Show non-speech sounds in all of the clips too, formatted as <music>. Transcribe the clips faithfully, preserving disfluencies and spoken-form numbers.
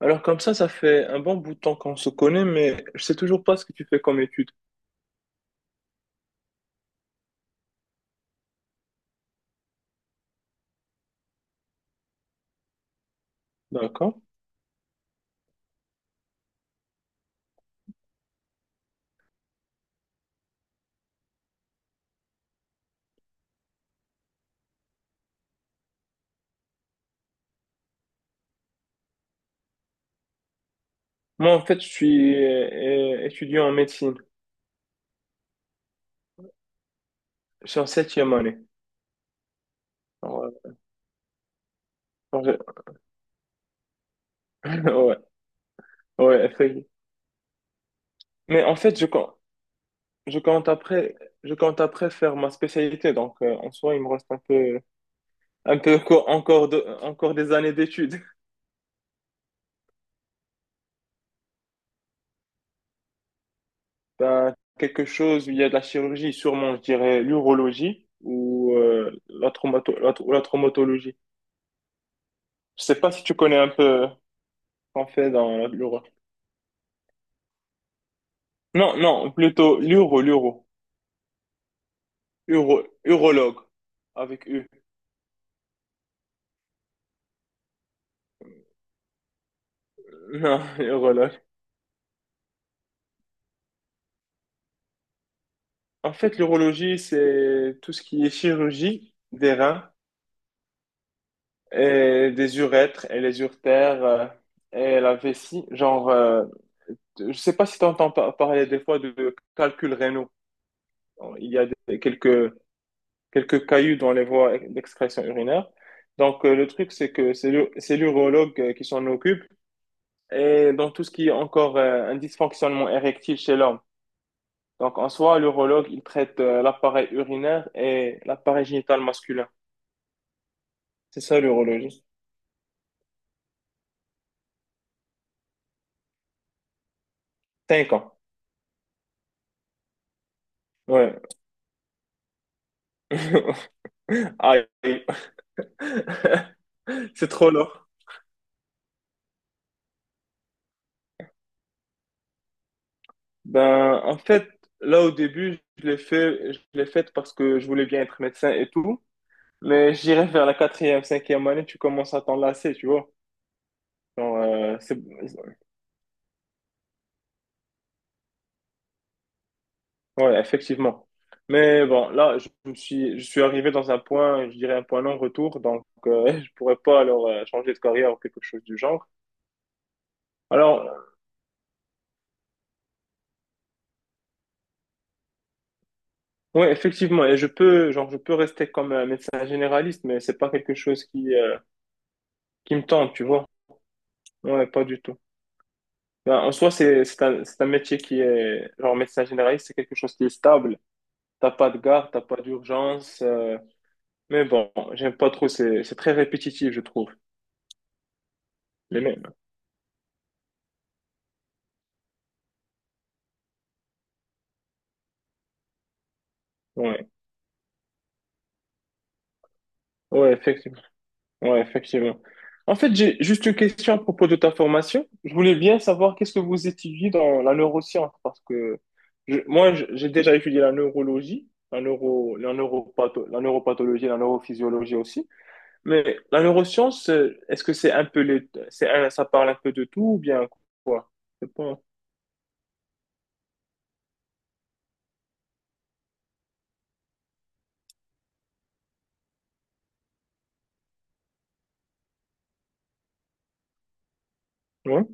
Alors comme ça, ça fait un bon bout de temps qu'on se connaît, mais je sais toujours pas ce que tu fais comme étude. D'accord? Moi, en fait, je suis euh, euh, étudiant en médecine. Je suis en septième année. Alors, <laughs> Ouais, ouais, effectivement. Mais en fait, je compte, je compte après, je compte après faire ma spécialité. Donc, euh, en soi, il me reste un peu, un peu co- encore, de- encore des années d'études. <laughs> Ben, quelque chose où il y a de la chirurgie, sûrement, je dirais l'urologie ou euh, la traumato- la, tra- la traumatologie. Je sais pas si tu connais un peu. Qu'on fait dans l'euro. Non, non, plutôt l'euro, l'euro. Euro, urologue. Avec U. Non, <laughs> urologue. En fait, l'urologie, c'est tout ce qui est chirurgie des reins et des urètres et les urtères euh, et la vessie. Genre, euh, je sais pas si tu entends parler des fois de calculs rénaux. Il y a des- Quelques, quelques cailloux dans les voies d'excrétion urinaire. Donc, euh, le truc, c'est que c'est l'u- c'est l'urologue euh, qui s'en occupe et dans tout ce qui est encore euh, un dysfonctionnement érectile chez l'homme. Donc, en soi, l'urologue, il traite euh, l'appareil urinaire et l'appareil génital masculin. C'est ça, l'urologie. Cinq ans. Ouais. <laughs> Aïe. <laughs> C'est trop long. Ben, en fait, là, au début, je l'ai fait, je l'ai fait parce que je voulais bien être médecin et tout. Mais j'irai vers la quatrième, cinquième année, tu commences à t'enlacer, tu vois. Genre, euh, c'est- ouais, effectivement. Mais bon, là, je me suis, je suis arrivé dans un point, je dirais un point non-retour, donc euh, <laughs> je pourrais pas alors euh, changer de carrière ou quelque chose du genre. Alors, oui, effectivement, et je peux, genre, je peux rester comme un médecin généraliste, mais c'est pas quelque chose qui, euh, qui me tente, tu vois. Ouais, pas du tout. Ben, en soi, c'est, c'est un, c'est un métier qui est, genre, médecin généraliste, c'est quelque chose qui est stable. T'as pas de garde, t'as pas d'urgence, euh, mais bon, j'aime pas trop, c'est, c'est très répétitif, je trouve. Les mêmes. Ouais, ouais, effectivement. Ouais, effectivement. En fait, j'ai juste une question à propos de ta formation. Je voulais bien savoir qu'est-ce que vous étudiez dans la neuroscience, parce que je- moi, je- j'ai déjà étudié la neurologie, la neuro, la neuropatho- la neuropathologie, la neurophysiologie aussi. Mais la neuroscience, euh, est-ce que c'est un peu les, c'est un- ça parle un peu de tout ou bien quoi? Je sais pas. Ouais,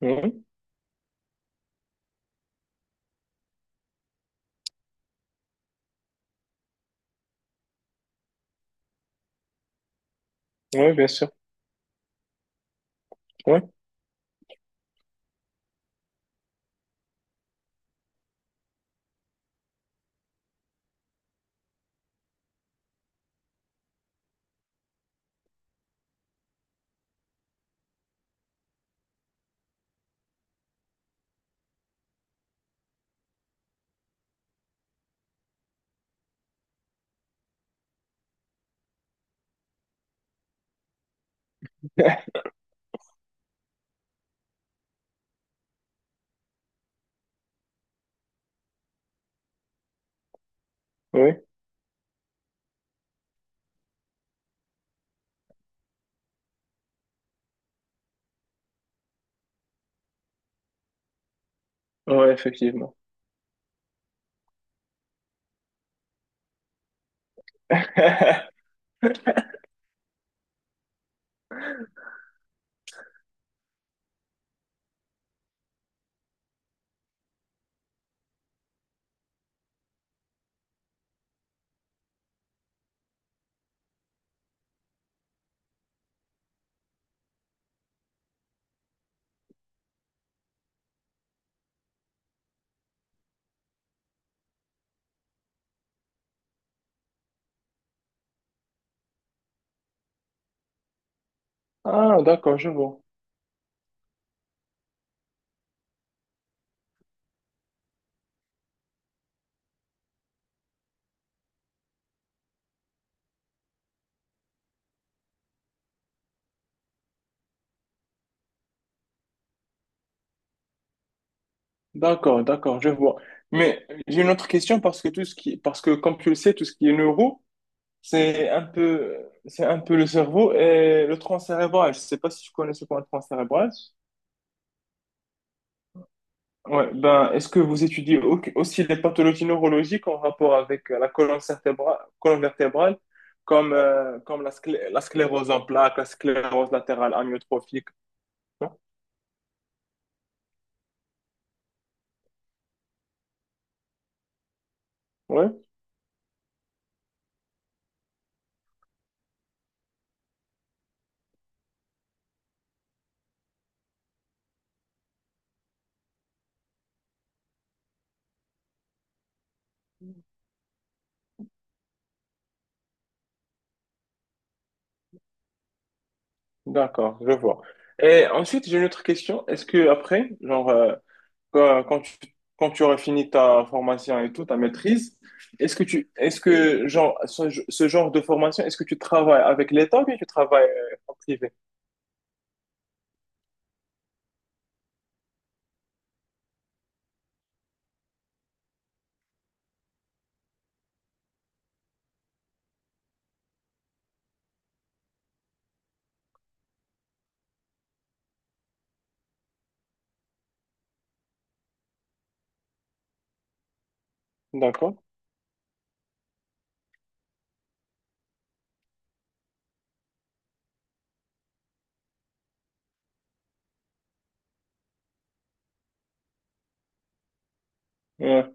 ouais, ouais, bien sûr. Ouais, <laughs> ouais, ouais, effectivement. <laughs> Ah, d'accord, je vois. D'accord, d'accord, je vois. Mais j'ai une autre question parce que tout ce qui, parce que comme tu le sais, tout ce qui est neuro, c'est un peu, c'est un peu le cerveau et le tronc cérébral. Je sais pas si tu connais ce qu'est le tronc cérébral. Ouais, ben, est-ce que vous étudiez au- aussi les pathologies neurologiques en rapport avec euh, la colonne vertébrale, colonne vertébrale, comme, euh, comme la, sclé- la sclérose en plaques, la sclérose latérale amyotrophique? Non. Ouais, d'accord, je vois. Et ensuite, j'ai une autre question. Est-ce que après, genre, euh, Quand, quand tu, Quand tu auras fini ta formation et tout, ta maîtrise, est-ce que tu, est-ce que genre, ce, ce genre de formation, est-ce que tu travailles avec l'État ou bien tu travailles euh, en privé? D'accord. Ouais,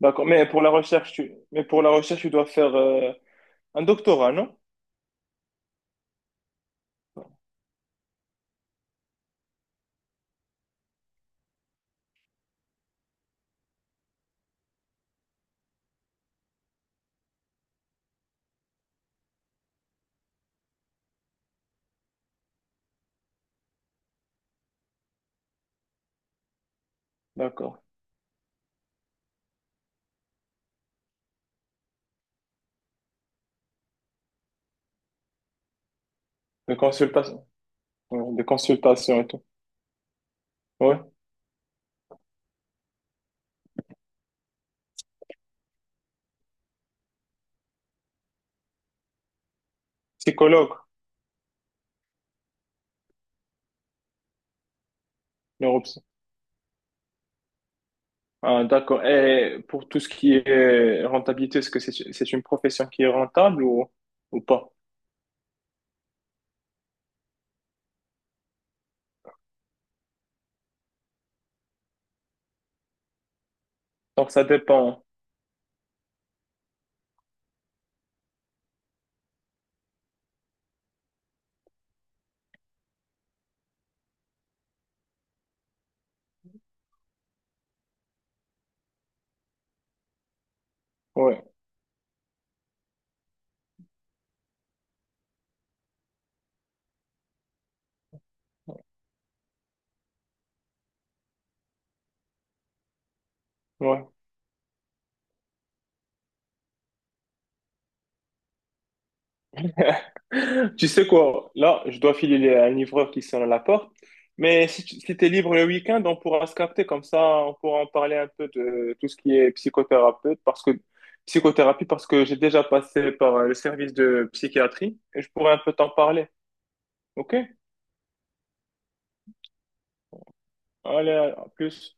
d'accord. Mais pour la recherche, tu, mais pour la recherche, tu dois faire euh, un doctorat, non? D'accord. De consultation, ouais, de consultation et tout. Ouais. Psychologue, neuropsy. Ah, d'accord. Et pour tout ce qui est rentabilité, est-ce que c'est, c'est une profession qui est rentable ou, ou pas? Donc ça dépend. Ouais, ouais. <laughs> Tu sais quoi, là, je dois filer à un livreur qui sonne à la porte. Mais si tu si t'es libre le week-end, on pourra se capter comme ça, on pourra en parler un peu de tout ce qui est psychothérapeute, parce que psychothérapie, parce que j'ai déjà passé par euh, le service de psychiatrie et je pourrais un peu t'en parler. Ok? Allez, à plus.